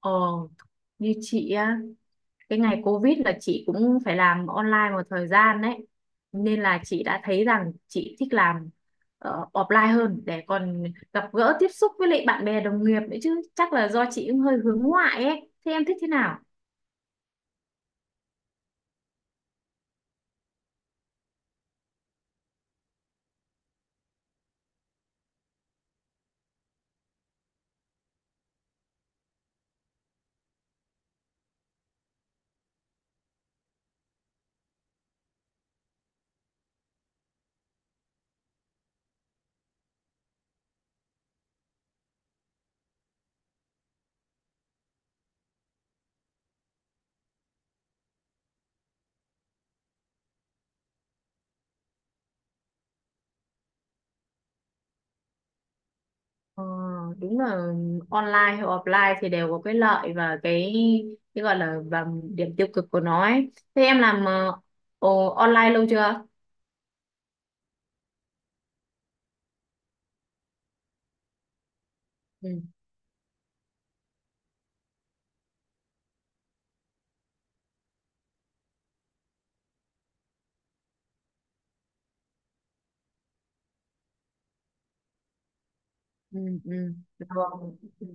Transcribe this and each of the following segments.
Ờ, như chị á, cái ngày Covid là chị cũng phải làm online một thời gian đấy. Nên là chị đã thấy rằng chị thích làm offline hơn để còn gặp gỡ tiếp xúc với lại bạn bè đồng nghiệp nữa chứ. Chắc là do chị cũng hơi hướng ngoại ấy. Thế em thích thế nào? Ờ, đúng là online hay offline thì đều có cái lợi và cái gọi là và điểm tiêu cực của nó ấy. Thế em làm online lâu chưa? Ừ, ừ, ừ. Được. Ừ.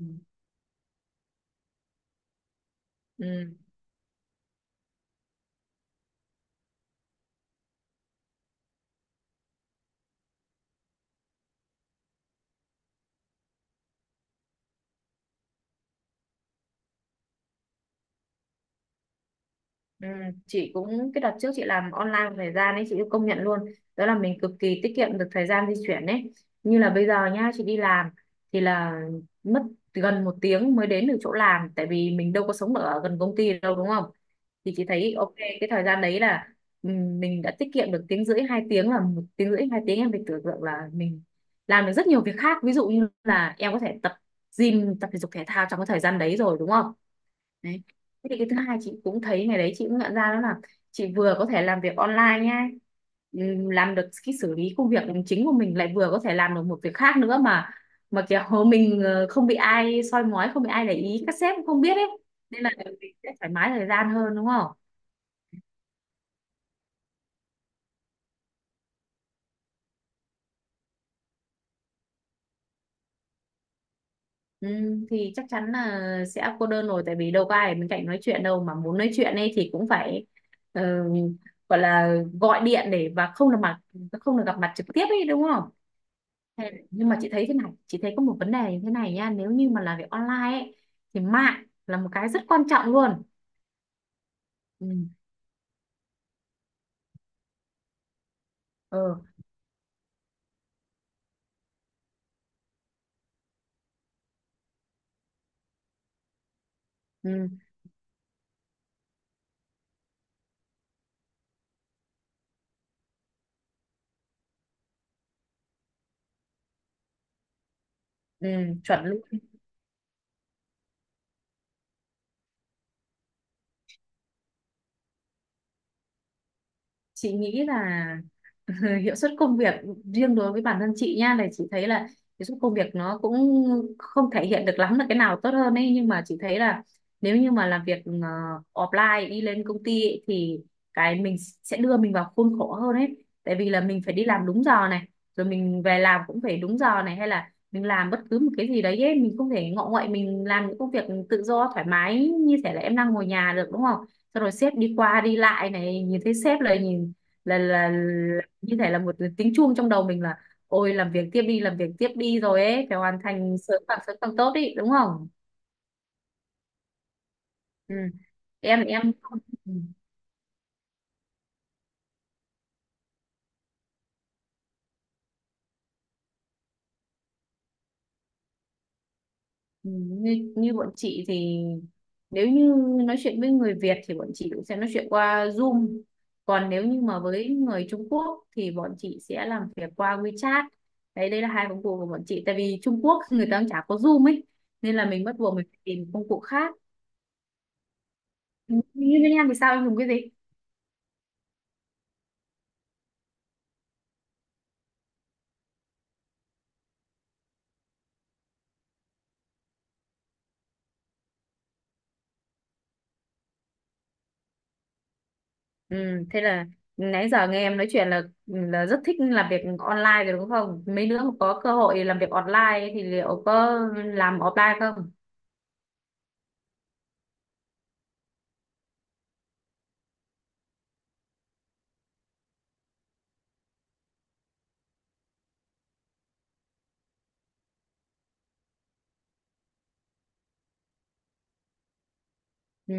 Ừ. Ừ, chị cũng cái đợt trước chị làm online một thời gian ấy, chị cũng công nhận luôn đó là mình cực kỳ tiết kiệm được thời gian di chuyển ấy. Như là bây giờ nhá, chị đi làm thì là mất gần một tiếng mới đến được chỗ làm, tại vì mình đâu có sống ở gần công ty đâu, đúng không? Thì chị thấy ok cái thời gian đấy là mình đã tiết kiệm được tiếng rưỡi hai tiếng. Là một tiếng rưỡi hai tiếng em phải tưởng tượng là mình làm được rất nhiều việc khác, ví dụ như là em có thể tập gym, tập thể dục thể thao trong cái thời gian đấy rồi, đúng không? Đấy. Thế thì cái thứ hai chị cũng thấy ngày đấy chị cũng nhận ra đó là chị vừa có thể làm việc online nhá, làm được cái xử lý công việc chính của mình, lại vừa có thể làm được một việc khác nữa mà kiểu mình không bị ai soi mói, không bị ai để ý, các sếp cũng không biết ấy, nên là mình sẽ thoải mái thời gian hơn, đúng không? Thì chắc chắn là sẽ cô đơn rồi, tại vì đâu có ai ở bên cạnh nói chuyện đâu, mà muốn nói chuyện ấy thì cũng phải ờ, gọi là gọi điện để và không được gặp mặt trực tiếp ấy, đúng không? Nhưng mà chị thấy thế này, chị thấy có một vấn đề như thế này nha, nếu như mà làm việc online ấy, thì mạng là một cái rất quan trọng luôn. Ừ, ừ, ừ, ừ, chuẩn luôn. Chị nghĩ là hiệu suất công việc riêng đối với bản thân chị nha là chị thấy là hiệu suất công việc nó cũng không thể hiện được lắm là cái nào tốt hơn ấy, nhưng mà chị thấy là nếu như mà làm việc offline, đi lên công ty ấy, thì cái mình sẽ đưa mình vào khuôn khổ hơn ấy. Tại vì là mình phải đi làm đúng giờ này, rồi mình về làm cũng phải đúng giờ này, hay là mình làm bất cứ một cái gì đấy ấy, mình không thể ngọ nguậy mình làm những công việc tự do thoải mái như thể là em đang ngồi nhà được, đúng không? Xong rồi sếp đi qua đi lại này, nhìn thấy sếp là nhìn, là như thể là một tiếng chuông trong đầu mình là ôi làm việc tiếp đi, làm việc tiếp đi, rồi ấy phải hoàn thành sớm, càng sớm càng tốt ý, đúng không? Ừ. em. Ừ, như bọn chị thì nếu như nói chuyện với người Việt thì bọn chị cũng sẽ nói chuyện qua Zoom, còn nếu như mà với người Trung Quốc thì bọn chị sẽ làm việc qua WeChat. Đấy, đây là hai công cụ của bọn chị, tại vì Trung Quốc người ta cũng chả có Zoom ấy, nên là mình bắt buộc mình phải tìm công cụ khác. Ừ, như bên em thì sao, em dùng cái gì? Ừ, thế là nãy giờ nghe em nói chuyện là rất thích làm việc online rồi đúng không, mấy đứa mà có cơ hội làm việc online thì liệu có làm offline không? Ừ.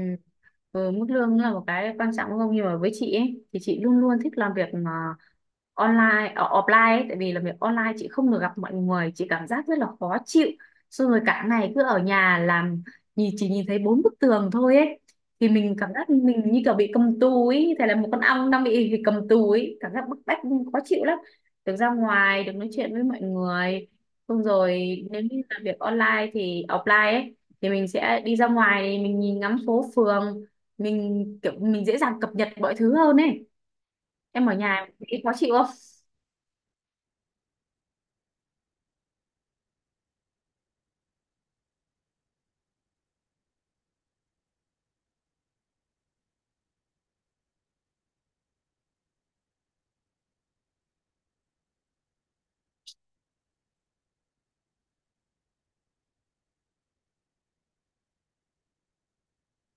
Ừ, mức lương là một cái quan trọng đúng không, nhưng mà với chị ấy thì chị luôn luôn thích làm việc mà online offline ấy, tại vì làm việc online chị không được gặp mọi người, chị cảm giác rất là khó chịu. Xong rồi cả ngày cứ ở nhà làm, nhìn chỉ nhìn thấy bốn bức tường thôi ấy, thì mình cảm giác mình như kiểu bị cầm tù ấy, như thể là một con ong đang bị cầm tù ấy, cảm giác bức bách khó chịu lắm. Được ra ngoài, được nói chuyện với mọi người, xong rồi nếu như làm việc online thì offline ấy, thì mình sẽ đi ra ngoài thì mình nhìn ngắm phố phường, mình kiểu mình dễ dàng cập nhật mọi thứ hơn ấy. Em ở nhà nghĩ khó chịu không?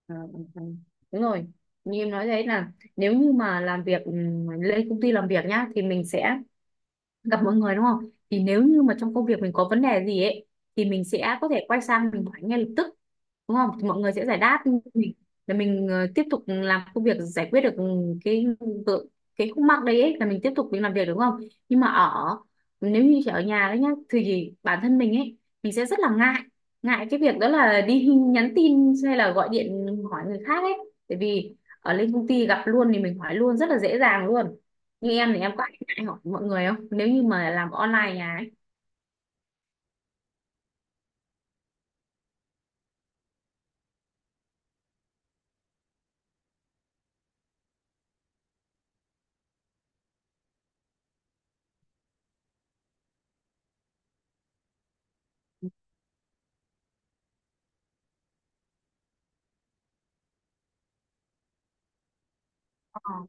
Ờ, ừ, ừ. Đúng rồi, như em nói đấy là nếu như mà làm việc ừ, lên công ty làm việc nhá thì mình sẽ gặp mọi người, đúng không? Thì nếu như mà trong công việc mình có vấn đề gì ấy thì mình sẽ có thể quay sang mình hỏi ngay lập tức, đúng không? Thì mọi người sẽ giải đáp mình, là mình tiếp tục làm công việc, giải quyết được cái vợ- cái khúc mắc đấy ấy, là mình tiếp tục mình làm việc, đúng không? Nhưng mà nếu như chỉ ở nhà đấy nhá thì bản thân mình ấy, mình sẽ rất là ngại ngại cái việc đó là đi nhắn tin hay là gọi điện hỏi người khác ấy, bởi vì ở lên công ty gặp luôn thì mình hỏi luôn rất là dễ dàng luôn. Như em thì em có anh hỏi mọi người không nếu như mà làm online nhà ấy? Ờ,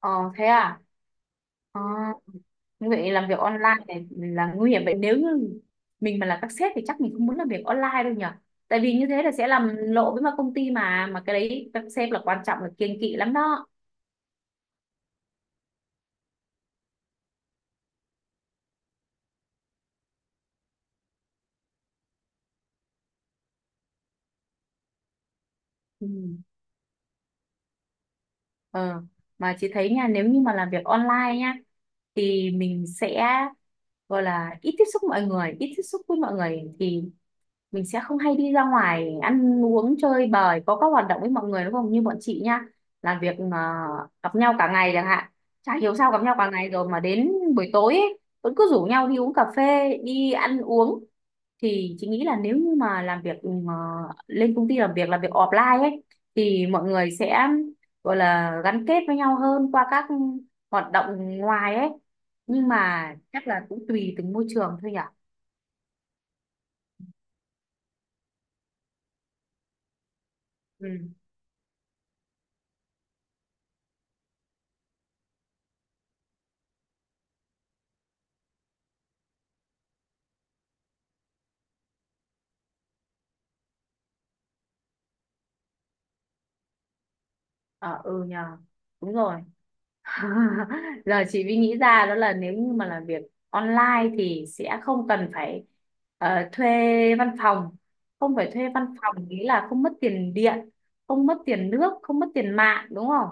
ờ, thế à? Ờ, như vậy làm việc online này là nguy hiểm vậy, nếu như mình mà là các sếp thì chắc mình không muốn làm việc online đâu nhỉ? Tại vì như thế là sẽ làm lộ với mà công ty mà cái đấy các sếp là quan trọng là kiêng kỵ lắm đó. Ừ. Ờ, mà chị thấy nha nếu như mà làm việc online nha, thì mình sẽ gọi là ít tiếp xúc mọi người, ít tiếp xúc với mọi người thì mình sẽ không hay đi ra ngoài ăn uống chơi bời, có các hoạt động với mọi người đúng không, như bọn chị nhá là việc mà gặp nhau cả ngày chẳng hạn, chả hiểu sao gặp nhau cả ngày rồi mà đến buổi tối ấy, vẫn cứ rủ nhau đi uống cà phê, đi ăn uống. Thì chị nghĩ là nếu như mà làm việc ừ, mà lên công ty làm việc offline ấy thì mọi người sẽ gọi là gắn kết với nhau hơn qua các hoạt động ngoài ấy. Nhưng mà chắc là cũng tùy từng môi trường thôi nhỉ. Ừ, ờ, ừ nhờ, đúng rồi. Giờ chị mới nghĩ ra đó là nếu như mà làm việc online thì sẽ không cần phải thuê văn phòng, không phải thuê văn phòng nghĩa là không mất tiền điện, không mất tiền nước, không mất tiền mạng, đúng không?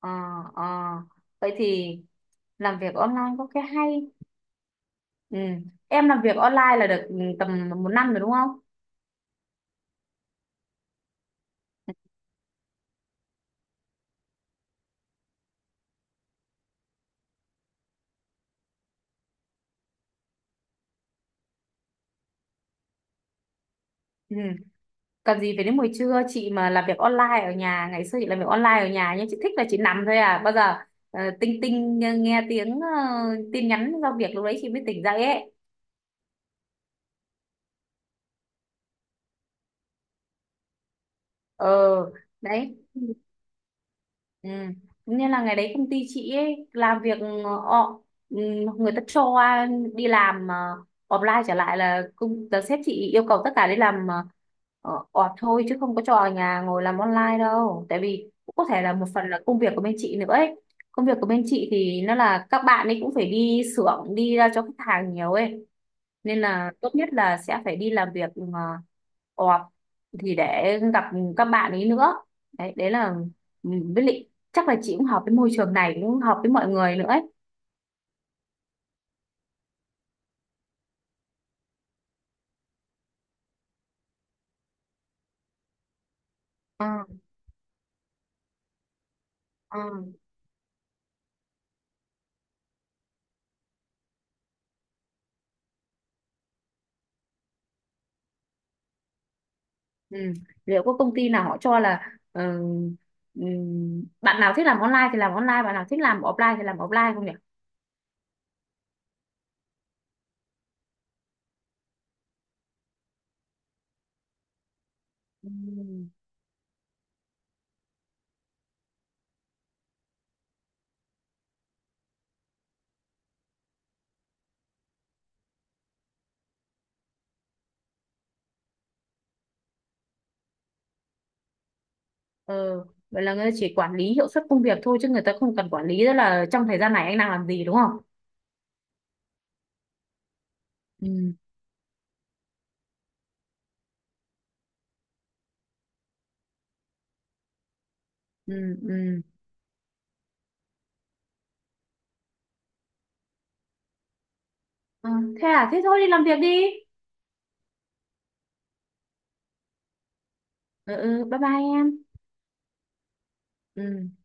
Ờ, ờ. Vậy thì làm việc online có cái hay. Ừ. Em làm việc online là được tầm một năm rồi đúng không? Ừ. Cần gì phải đến buổi trưa, chị mà làm việc online ở nhà ngày xưa chị làm việc online ở nhà nhưng chị thích là chị nằm thôi, à bao giờ tinh tinh, nghe, tiếng tin nhắn giao việc, lúc đấy chị mới tỉnh dậy ấy. Ờ, đấy. Ừ. Nên là ngày đấy công ty chị ấy làm việc, ọ ừ, người ta cho đi làm offline trở lại, là công là sếp chị yêu cầu tất cả đi làm off thôi, chứ không có cho ở nhà ngồi làm online đâu, tại vì cũng có thể là một phần là công việc của bên chị nữa ấy. Công việc của bên chị thì nó là các bạn ấy cũng phải đi xưởng, đi ra cho khách hàng nhiều ấy, nên là tốt nhất là sẽ phải đi làm việc off, thì để gặp các bạn ấy nữa. Đấy, đấy là ừ, với lại chắc là chị cũng hợp với môi trường này, cũng hợp với mọi người nữa ấy. Ờ, ờ. Ừ. Liệu có công ty nào họ cho là ừ, bạn nào thích làm online thì làm online, bạn nào thích làm offline thì làm offline không nhỉ? Ừ. Ờ, vậy là người ta chỉ quản lý hiệu suất công việc thôi, chứ người ta không cần quản lý đó là trong thời gian này anh đang làm gì đúng không? Ừ. Ừ, ừ. Ờ, thế à, thế thôi đi làm việc đi. Ừ, ừ, bye bye em. Ừ.